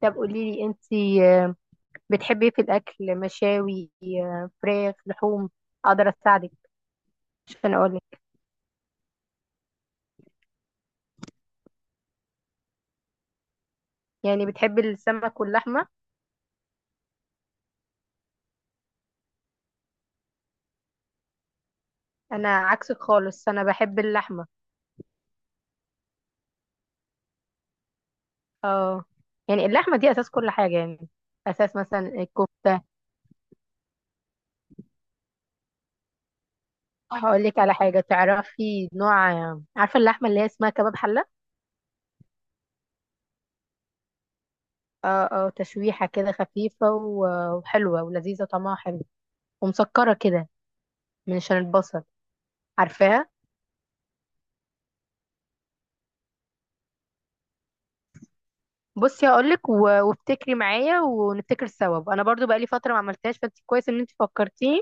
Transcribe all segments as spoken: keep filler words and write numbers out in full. طب قولي لي انت، بتحبي ايه في الاكل؟ مشاوي، آه، فراخ، لحوم؟ اقدر اساعدك عشان اقول لك. يعني بتحبي السمك واللحمه. انا عكسك خالص، انا بحب اللحمه. اه، يعني اللحمه دي اساس كل حاجه، يعني اساس مثلا الكفته. هقول لك على حاجه تعرفي نوع. عارفه اللحمه اللي هي اسمها كباب حله؟ اه اه، تشويحه كده خفيفه و- وحلوه ولذيذه، طعمها حلو، ومسكره كده من عشان البصل. عارفاها؟ بصي، هقولك و- وافتكري معايا ونفتكر سوا. انا برضو بقالي فتره ما عملتهاش، فانت كويس ان انت فكرتيني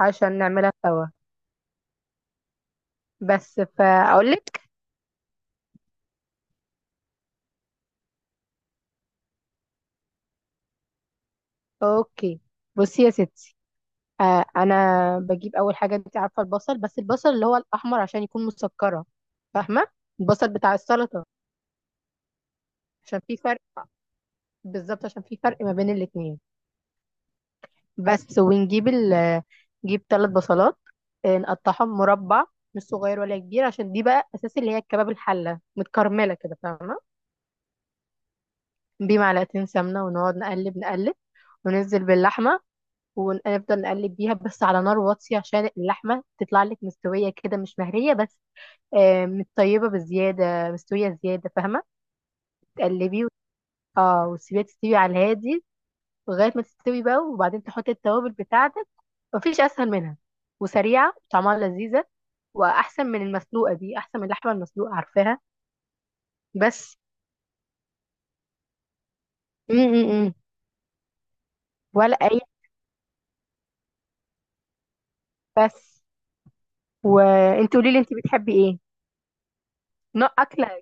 عشان نعملها سوا. بس فاقولك. اوكي، بصي يا ستي. آه انا بجيب اول حاجه. انت عارفه البصل، بس البصل اللي هو الاحمر عشان يكون مسكره، فاهمه؟ البصل بتاع السلطه، عشان في فرق. بالظبط، عشان في فرق ما بين الاتنين. بس ونجيب ال نجيب ثلاث بصلات. آه، نقطعهم مربع، مش صغير ولا كبير، عشان دي بقى اساس اللي هي الكباب الحله متكرمله كده، فاهمه؟ بمعلقتين سمنه، ونقعد نقلب نقلب، وننزل باللحمه، ونفضل نقلب بيها بس على نار واطيه، عشان اللحمه تطلع لك مستويه كده، مش مهريه بس. آه، متطيبه بزياده، مستويه زياده، فاهمه؟ تقلبيه وت- اه وتسيبيها تستوي على الهادي لغاية ما تستوي بقى، وبعدين تحط التوابل بتاعتك. مفيش أسهل منها، وسريعة طعمها لذيذة، وأحسن من المسلوقة، دي أحسن من اللحمة المسلوقة، عارفاها؟ بس. م -م -م. ولا أي بس. وانت قولي لي انت، بتحبي ايه نوع أكلة؟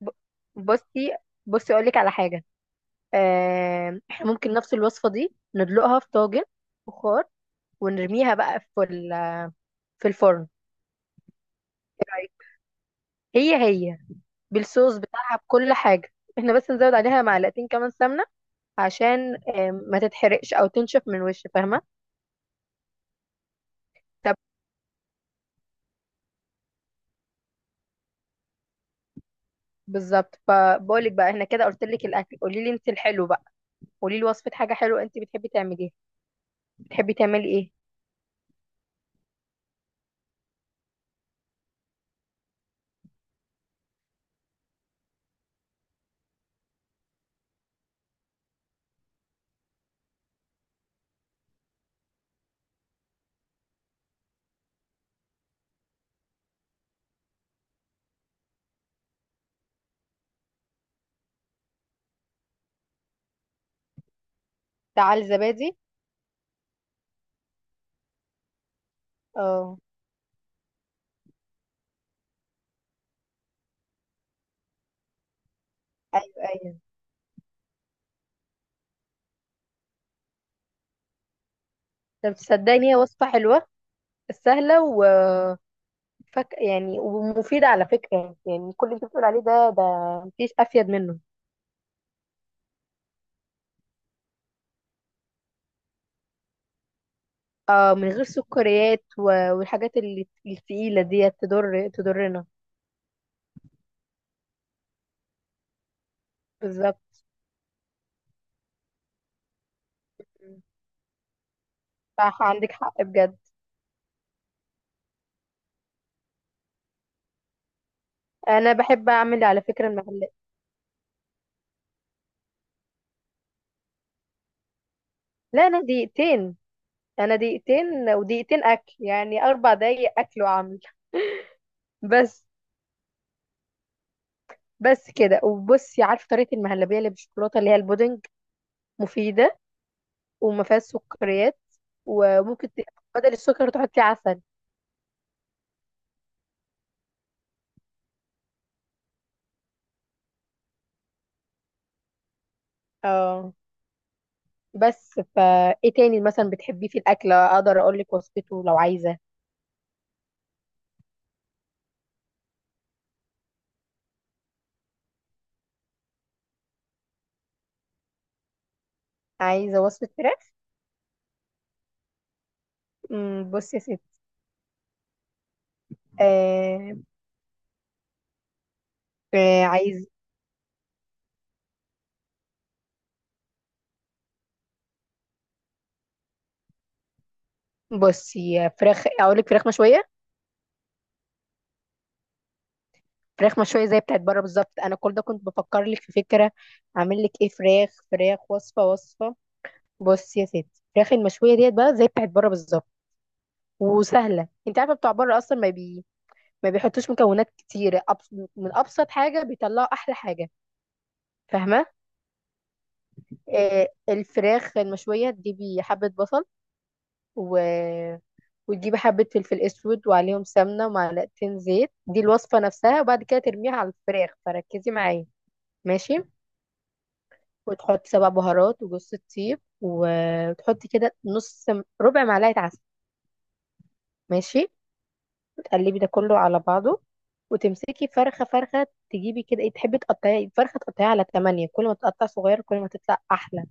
ب- بصي بصي أقول لك على حاجة. آم، احنا ممكن نفس الوصفة دي ندلقها في طاجن بخار، ونرميها بقى في ال- في الفرن. إيه رأيك؟ هي هي، بالصوص بتاعها، بكل حاجة. احنا بس نزود عليها معلقتين كمان سمنة عشان آم، ما تتحرقش او تنشف من وش، فاهمه؟ طب بالظبط. فبقولك بقى، احنا كده قلت لك الاكل، قولي لي انت الحلو بقى. قولي لي وصفه حاجه حلوه انت بتحبي تعمليها. بتحبي تعملي ايه؟ تعال زبادي. اه. ايوه، ايوه. طب تصدقني، هي وصفه حلوه، سهله، وفك يعني ومفيده على فكره، يعني كل اللي انت بتقول عليه ده ده مفيش افيد منه. اه، من غير سكريات و- والحاجات اللي التقيله ديت تضر تضرنا. بالظبط. صح، عندك حق بجد. انا بحب اعمل على فكره المحلات. لا، انا دقيقتين انا دقيقتين ودقيقتين اكل، يعني اربع دقايق اكل واعمل. بس. بس كده. وبصي، عارفه طريقه المهلبيه اللي بالشوكولاته، اللي هي البودنج؟ مفيده، وما فيهاش سكريات، وممكن ت- بدل السكر تحطي عسل. اه. بس فا ايه تاني مثلا بتحبيه في الاكل اقدر اقول لك وصفته لو عايزه. عايزه وصفه فراخ. امم بصي يا ستي. آه آه، عايز. بصي فراخ، اقول لك فراخ مشويه. فراخ مشوية زي بتاعت بره بالظبط. انا كل ده كنت بفكر لك في فكرة، اعمل لك ايه. فراخ فراخ وصفة وصفة. بص يا ستي، الفراخ المشوية ديت بقى زي بتاعت بره بالظبط، وسهلة. انت عارفة بتوع بره اصلا ما بي ما بيحطوش مكونات كتير. أبس... من ابسط حاجة بيطلعوا احلى حاجة، فاهمة؟ آه الفراخ المشوية، تجيبي حبة بصل و... وتجيبي حبة فلفل اسود، وعليهم سمنة ومعلقتين زيت. دي الوصفة نفسها. وبعد كده ترميها على الفراخ، فركزي معايا. ماشي. وتحط سبع بهارات وجوز الطيب، وتحطي كده نص ربع معلقة عسل. ماشي. وتقلبي ده كله على بعضه، وتمسكي فرخة فرخة، تجيبي كده ايه تحبي تقطعي فرخة، تقطعيها على تمانية. كل ما تقطع صغير كل ما تطلع أحلى.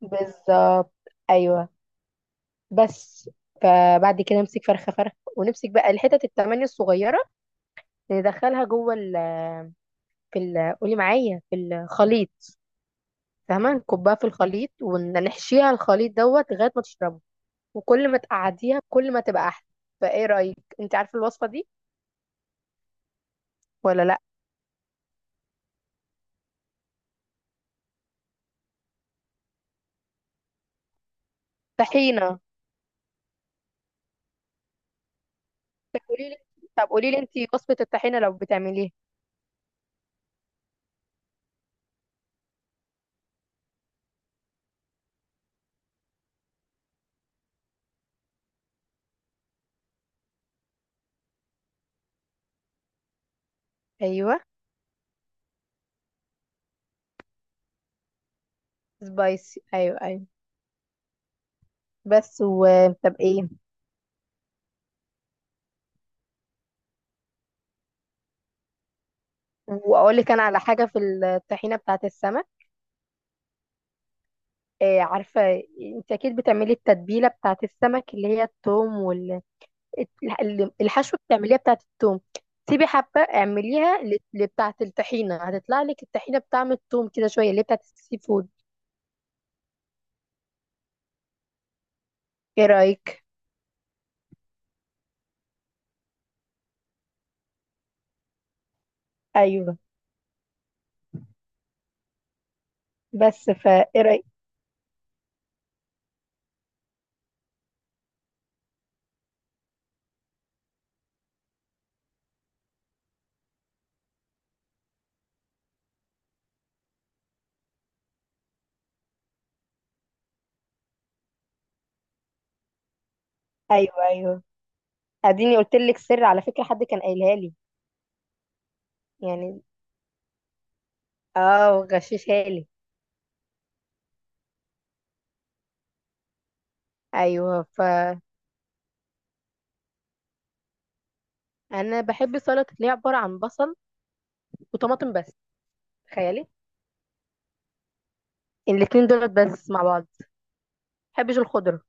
بالظبط. أيوه. بس. فبعد كده امسك فرخة فرخة ونمسك بقى الحتت التمانية الصغيرة، ندخلها جوه ال في ال قولي معايا، في الخليط، فاهمة؟ نكبها في الخليط، ونحشيها الخليط دوت لغاية ما تشربه. وكل ما تقعديها كل ما تبقى احلى. فايه رايك؟ انت عارفه الوصفه دي؟ ولا لا. طحينه. طب قولي لي طب قولي لي انت وصفه الطحينه لو بتعمليها. ايوه. سبايسي، ايوه، ايوه. بس و. طب ايه. واقول لك انا على حاجه في الطحينه بتاعه السمك، إيه، عارفه؟ انت اكيد بتعملي التتبيله بتاعه السمك اللي هي الثوم، وال ال- الحشوه بتعمليها بتاعه الثوم. سيبي حبه اعمليها ل- لبتاعه الطحينه، هتطلع لك الطحينه بطعم الثوم كده شويه، اللي هي بتاعه السي فود. ايه رايك؟ ايوه. بس فا ايه رأي- ايوه، ايوه. اديني قلت لك سر على فكره، حد كان قايلها لي. يعني اه، وغششها لي. ايوه فانا بحب السلطه اللي هي عباره عن بصل وطماطم بس، تخيلي. الاتنين دولت بس مع بعض. بحبش الخضره.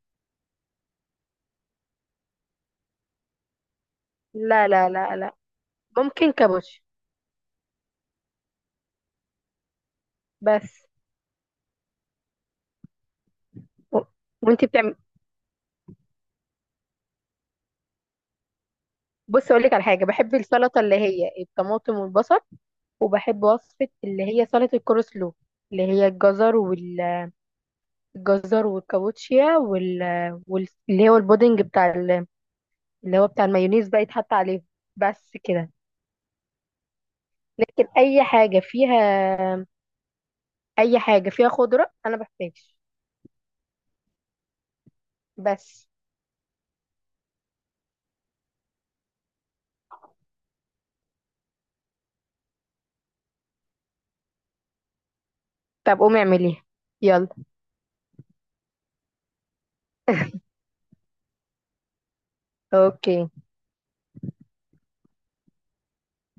لا، لا، لا، لا. ممكن كابوتش. بس و... وانتي بتعمل. بص، اقول لك على حاجه، بحب السلطه اللي هي الطماطم والبصل، وبحب وصفه اللي هي سلطه الكول سلو، اللي هي الجزر وال الجزر والكابوتشيا وال... وال... اللي هو البودنج بتاع ال... اللي هو بتاع المايونيز بقى يتحط عليه. بس كده. لكن اي حاجه فيها، اي حاجه فيها خضره انا بحتاج. بس. طب قومي اعمليها، يلا. اوكي.